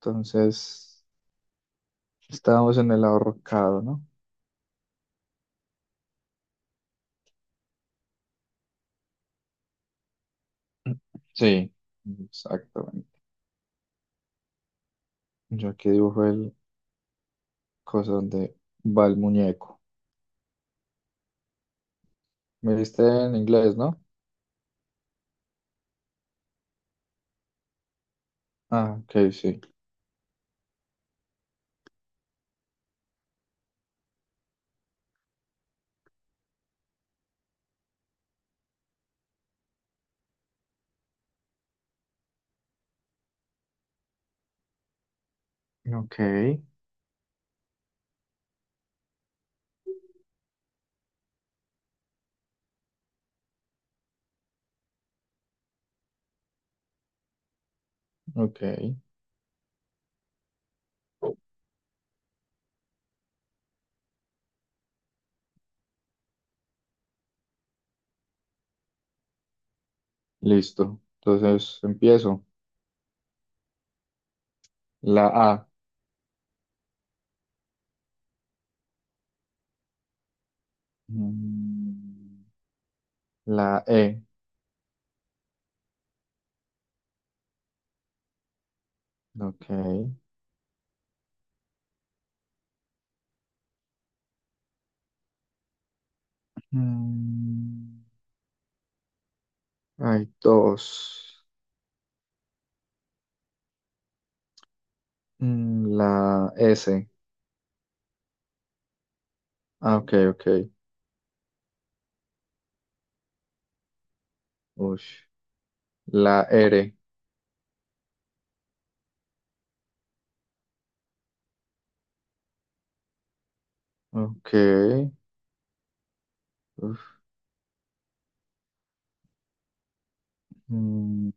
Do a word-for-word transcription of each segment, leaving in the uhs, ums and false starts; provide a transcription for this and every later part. Entonces, estábamos en el ahorcado, ¿no? Sí, exactamente. Yo aquí dibujo el cosa donde va el muñeco. Me diste en inglés, ¿no? Ah, ok, sí. Ok, ok. Listo. Entonces empiezo. La A. Mm, La E. Ok. Mm, Hay dos. Mm, La S. Ah, ok, ok. Ush. La R. Ok, uf, mm,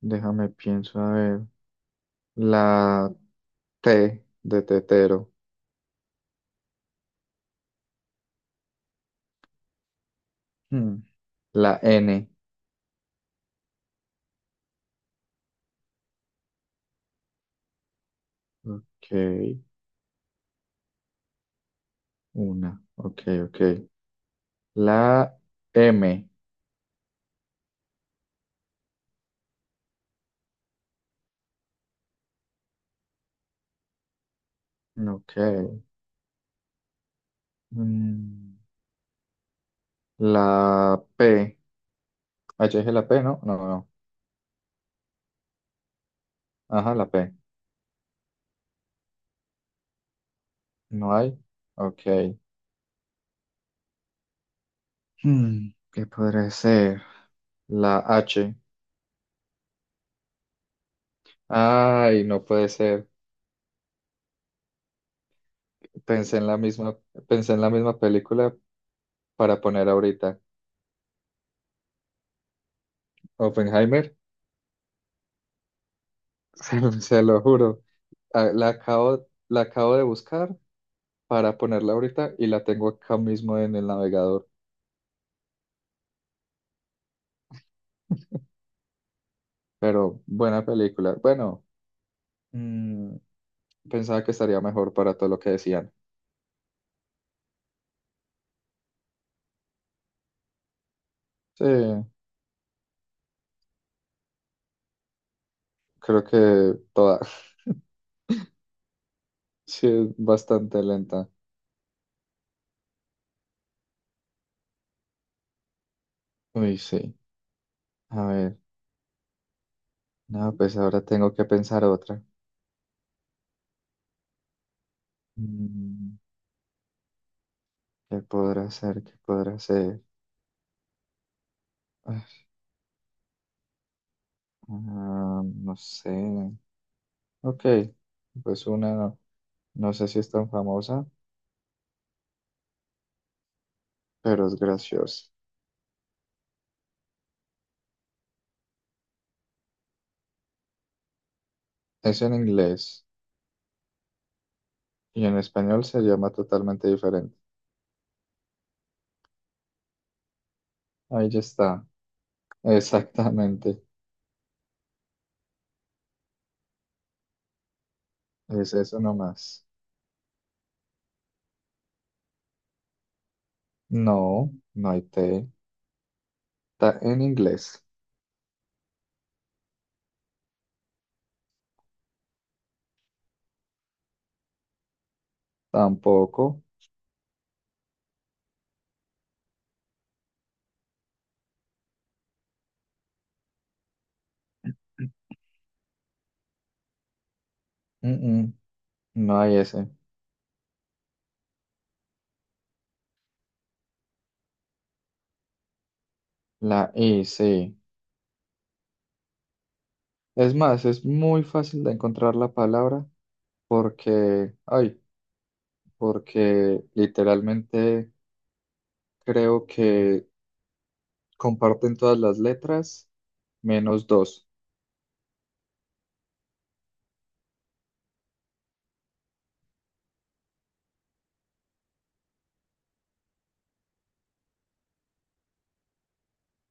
déjame pienso, a ver. La T de tetero. Hmm, La N. Ok, una. Ok, ok. La M. Ok. mm, La P. Ah, ya dije la P, ¿no? No, no. Ajá, la P. No hay. Ok. Hmm, ¿qué podría ser? La H. Ay, no puede ser. Pensé en la misma, pensé en la misma película, para poner ahorita. Oppenheimer, se, lo se lo juro. Ah, La acabo, la acabo de buscar para ponerla ahorita y la tengo acá mismo en el navegador. Pero buena película. Bueno, mm, pensaba que estaría mejor para todo lo que decían. Sí, creo que toda. Sí, es bastante lenta. Uy, sí. A ver, no, pues ahora tengo que pensar otra. Mm, ¿Qué podrá ser? ¿Qué podrá ser? Ah, no sé. Ok, pues una, no sé si es tan famosa, pero es graciosa. Es en inglés y en español se llama totalmente diferente. Ahí ya está, exactamente. Es eso nomás. No, no hay T. Está en inglés. Tampoco. Mm, mm, no hay S. La I, sí. Es más, es muy fácil de encontrar la palabra porque, ay, porque literalmente creo que comparten todas las letras, menos dos.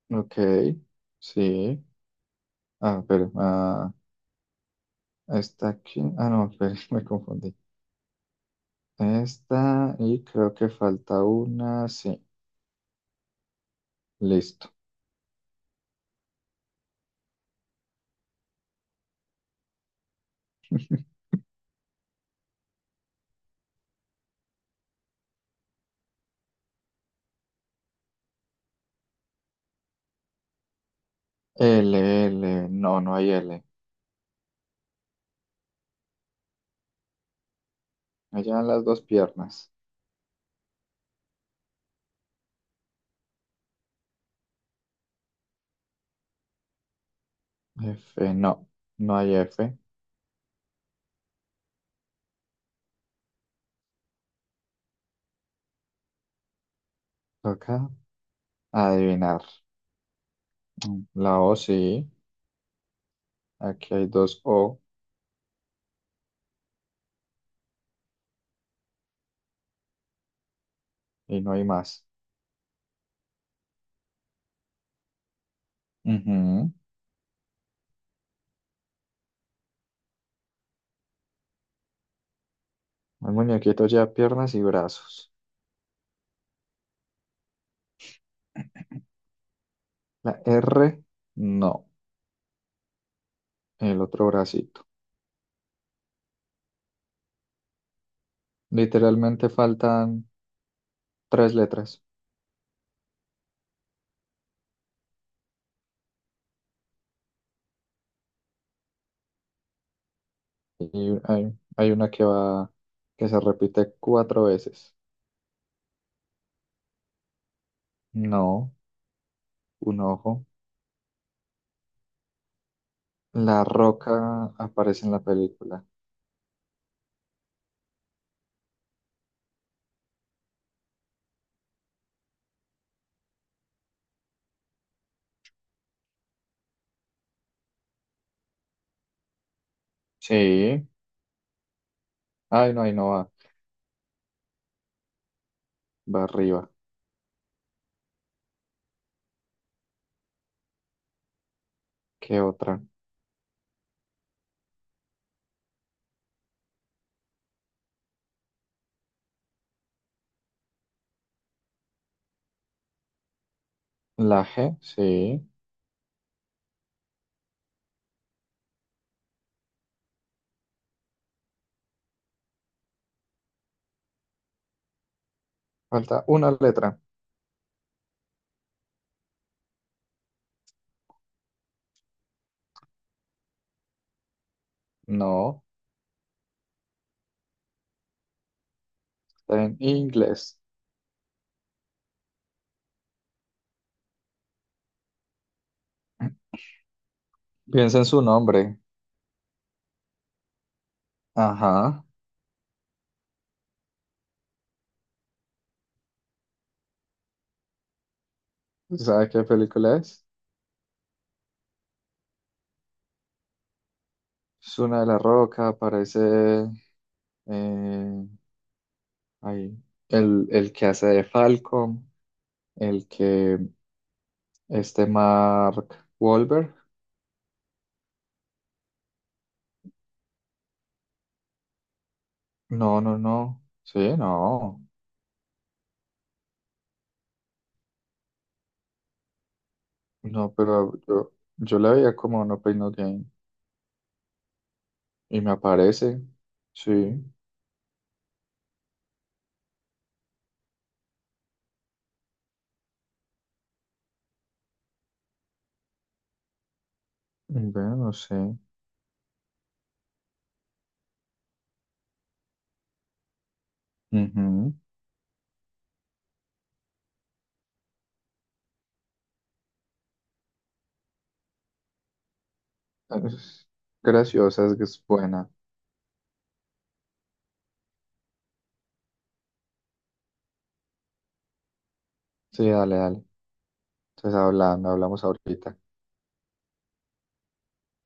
Ok, sí. Ah, pero, ah, está aquí. Ah, no, espere, me confundí. Esta, y creo que falta una, sí. Listo. L, L, no, no hay L. Allá en las dos piernas. F, no, no hay F. Toca adivinar. Mm, La O sí. Aquí hay dos O y no hay más. Ujú. El muñequito ya piernas y brazos. La R, no, el otro bracito. Literalmente faltan tres letras y hay, hay una que va, que se repite cuatro veces. No, un ojo. La roca aparece en la película. Sí. Ay, no, ahí no va. Va arriba. ¿Qué otra? La G, sí. Falta una letra. No, está en inglés. Piensa en su nombre. Ajá. ¿Sabe qué película es? Es una de la Roca, aparece eh, ahí, el, el que hace de Falcon, el que este Mark Wahlberg. No, no, no. Sí, no. No, pero yo, yo la veía como No Pain No Gain. Y me aparece. Sí. Bueno, no sé. Ujú. Es graciosa, es que es buena. Sí, dale, dale. Entonces hablando, hablamos ahorita.